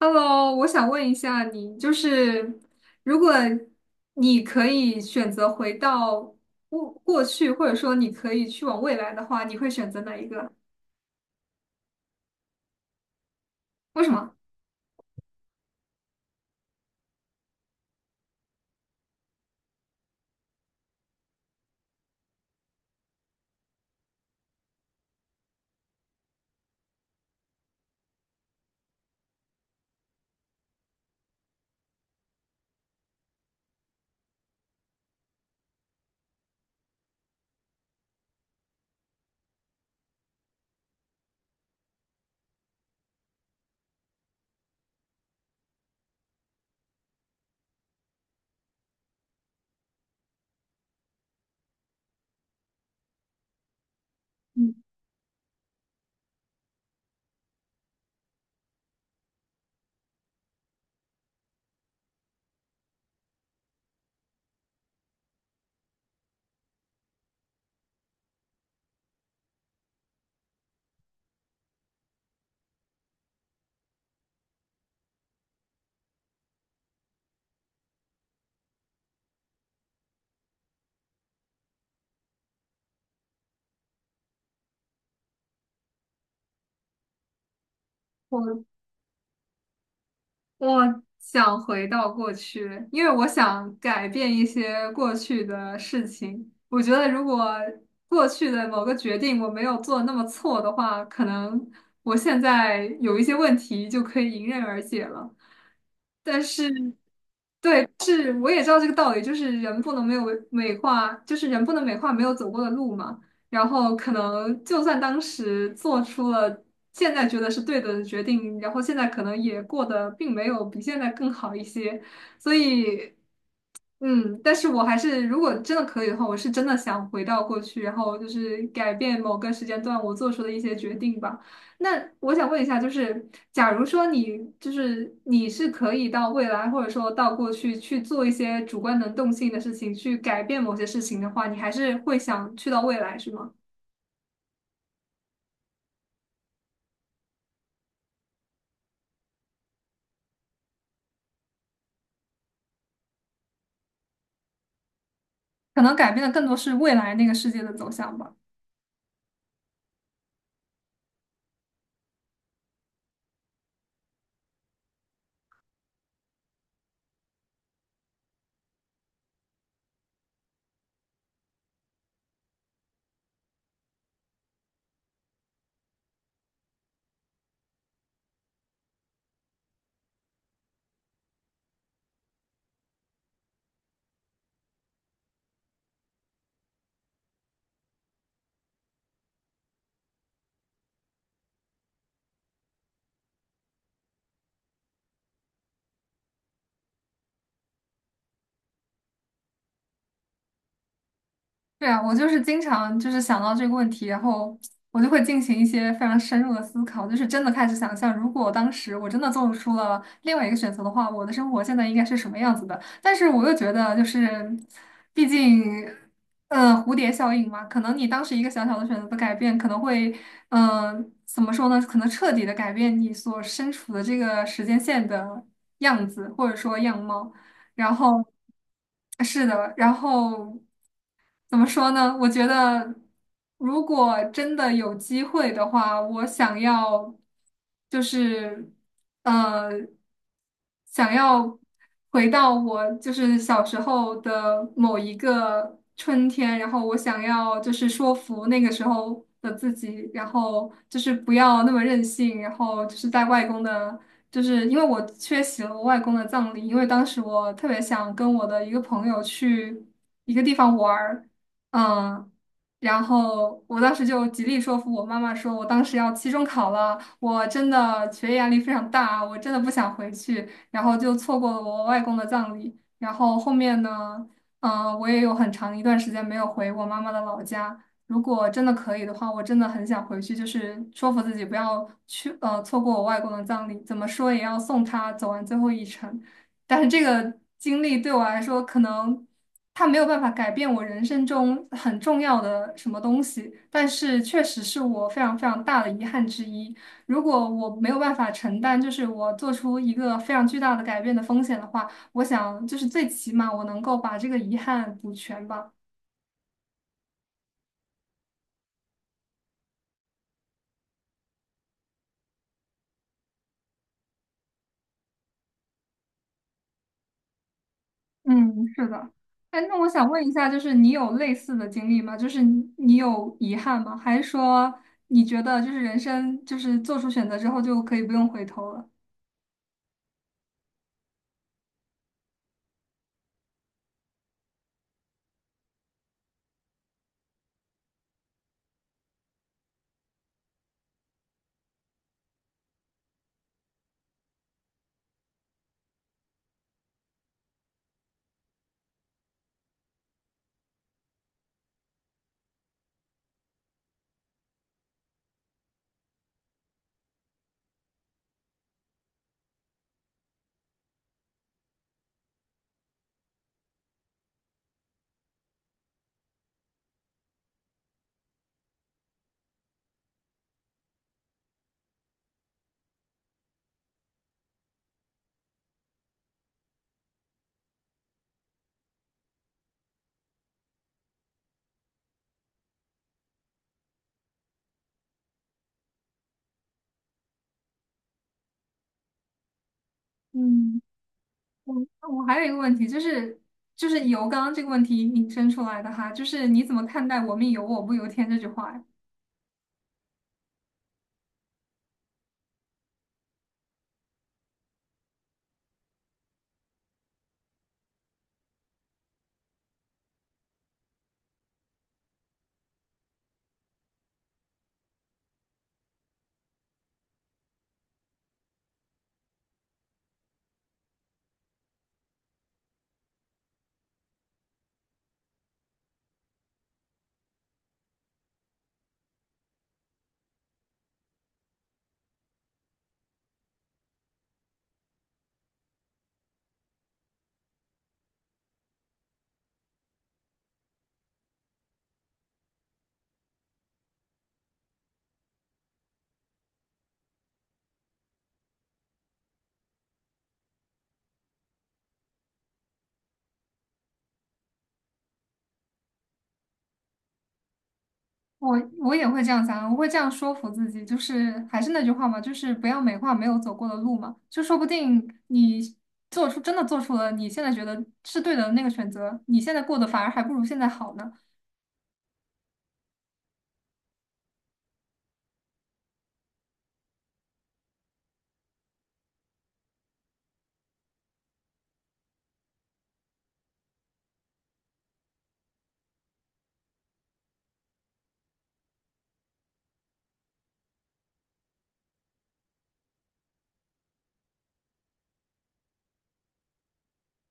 Hello,我想问一下你，就是如果你可以选择回到过去，或者说你可以去往未来的话，你会选择哪一个？为什么？嗯，我。我想回到过去，因为我想改变一些过去的事情。我觉得如果过去的某个决定我没有做那么错的话，可能我现在有一些问题就可以迎刃而解了。但是，对，是我也知道这个道理，就是人不能没有美化，就是人不能美化没有走过的路嘛。然后可能就算当时做出了现在觉得是对的决定，然后现在可能也过得并没有比现在更好一些，所以但是我还是如果真的可以的话，我是真的想回到过去，然后就是改变某个时间段我做出的一些决定吧。那我想问一下，就是假如说你是可以到未来或者说到过去去做一些主观能动性的事情，去改变某些事情的话，你还是会想去到未来，是吗？可能改变的更多是未来那个世界的走向吧。对啊，我就是经常就是想到这个问题，然后我就会进行一些非常深入的思考，就是真的开始想象，如果当时我真的做出了另外一个选择的话，我的生活现在应该是什么样子的。但是我又觉得，就是毕竟，蝴蝶效应嘛，可能你当时一个小小的选择的改变，可能会，怎么说呢？可能彻底的改变你所身处的这个时间线的样子，或者说样貌。然后是的，然后。怎么说呢？我觉得，如果真的有机会的话，我想要，就是，呃，想要回到我就是小时候的某一个春天，然后我想要就是说服那个时候的自己，然后就是不要那么任性，然后就是在外公的。就是因为我缺席了我外公的葬礼，因为当时我特别想跟我的一个朋友去一个地方玩儿，嗯，然后我当时就极力说服我妈妈说，我当时要期中考了，我真的学业压力非常大啊，我真的不想回去，然后就错过了我外公的葬礼。然后后面呢，我也有很长一段时间没有回我妈妈的老家。如果真的可以的话，我真的很想回去，就是说服自己不要去，错过我外公的葬礼，怎么说也要送他走完最后一程。但是这个经历对我来说，可能。它没有办法改变我人生中很重要的什么东西，但是确实是我非常非常大的遗憾之一。如果我没有办法承担，就是我做出一个非常巨大的改变的风险的话，我想就是最起码我能够把这个遗憾补全吧。嗯，是的。哎，那我想问一下，就是你有类似的经历吗？就是你有遗憾吗？还是说你觉得就是人生就是做出选择之后就可以不用回头了？嗯我还有一个问题，就是就是"由"刚刚这个问题引申出来的哈，就是你怎么看待"我命由我不由天"这句话呀？我也会这样想啊，我会这样说服自己，就是还是那句话嘛，就是不要美化没有走过的路嘛，就说不定你做出真的做出了你现在觉得是对的那个选择，你现在过得反而还不如现在好呢。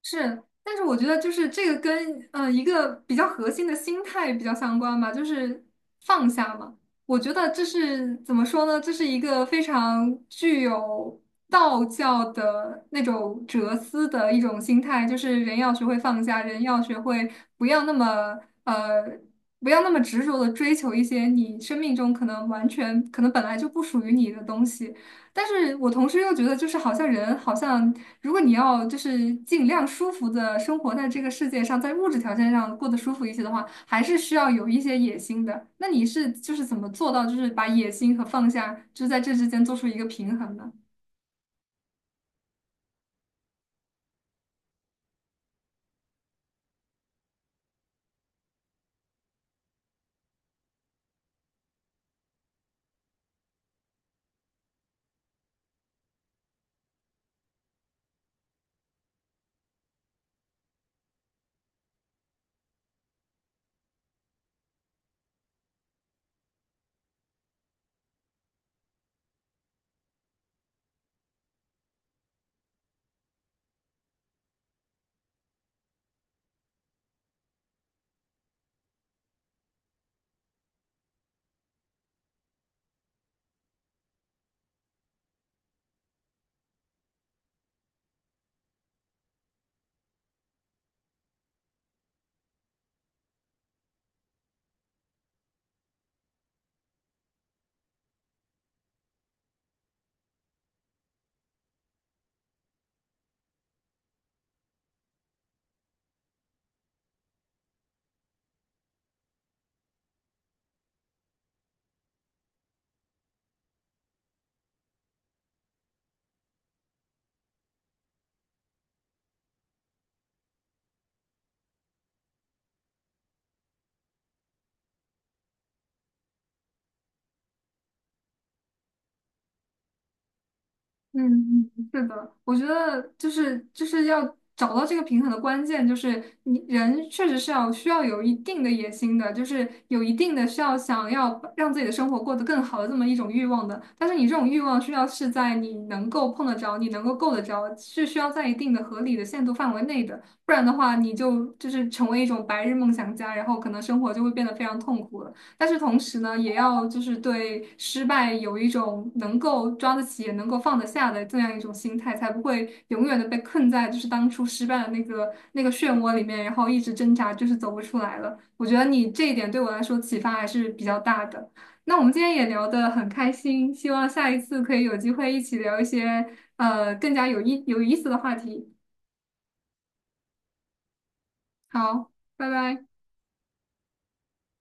是，但是我觉得就是这个跟一个比较核心的心态比较相关吧，就是放下嘛。我觉得这是怎么说呢？这是一个非常具有道教的那种哲思的一种心态，就是人要学会放下，人要学会不要那么呃不要那么执着的追求一些你生命中可能完全可能本来就不属于你的东西。但是我同时又觉得，就是好像人好像，如果你要就是尽量舒服的生活在这个世界上，在物质条件上过得舒服一些的话，还是需要有一些野心的。那你是就是怎么做到，就是把野心和放下，就是在这之间做出一个平衡呢？嗯，嗯是的，我觉得就是就是要找到这个平衡的关键，就是你人确实是要需要有一定的野心的，就是有一定的需要想要把让自己的生活过得更好的这么一种欲望的。但是你这种欲望需要是在你能够碰得着、你能够够得着，是需要在一定的合理的限度范围内的，不然的话，你就就是成为一种白日梦想家，然后可能生活就会变得非常痛苦了。但是同时呢，也要就是对失败有一种能够抓得起也能够放得下的这样一种心态，才不会永远的被困在就是当初失败的那个漩涡里面，然后一直挣扎，就是走不出来了。我觉得你这一点对我来说启发还是比较大的。那我们今天也聊得很开心，希望下一次可以有机会一起聊一些更加有意思的话题。好，拜拜。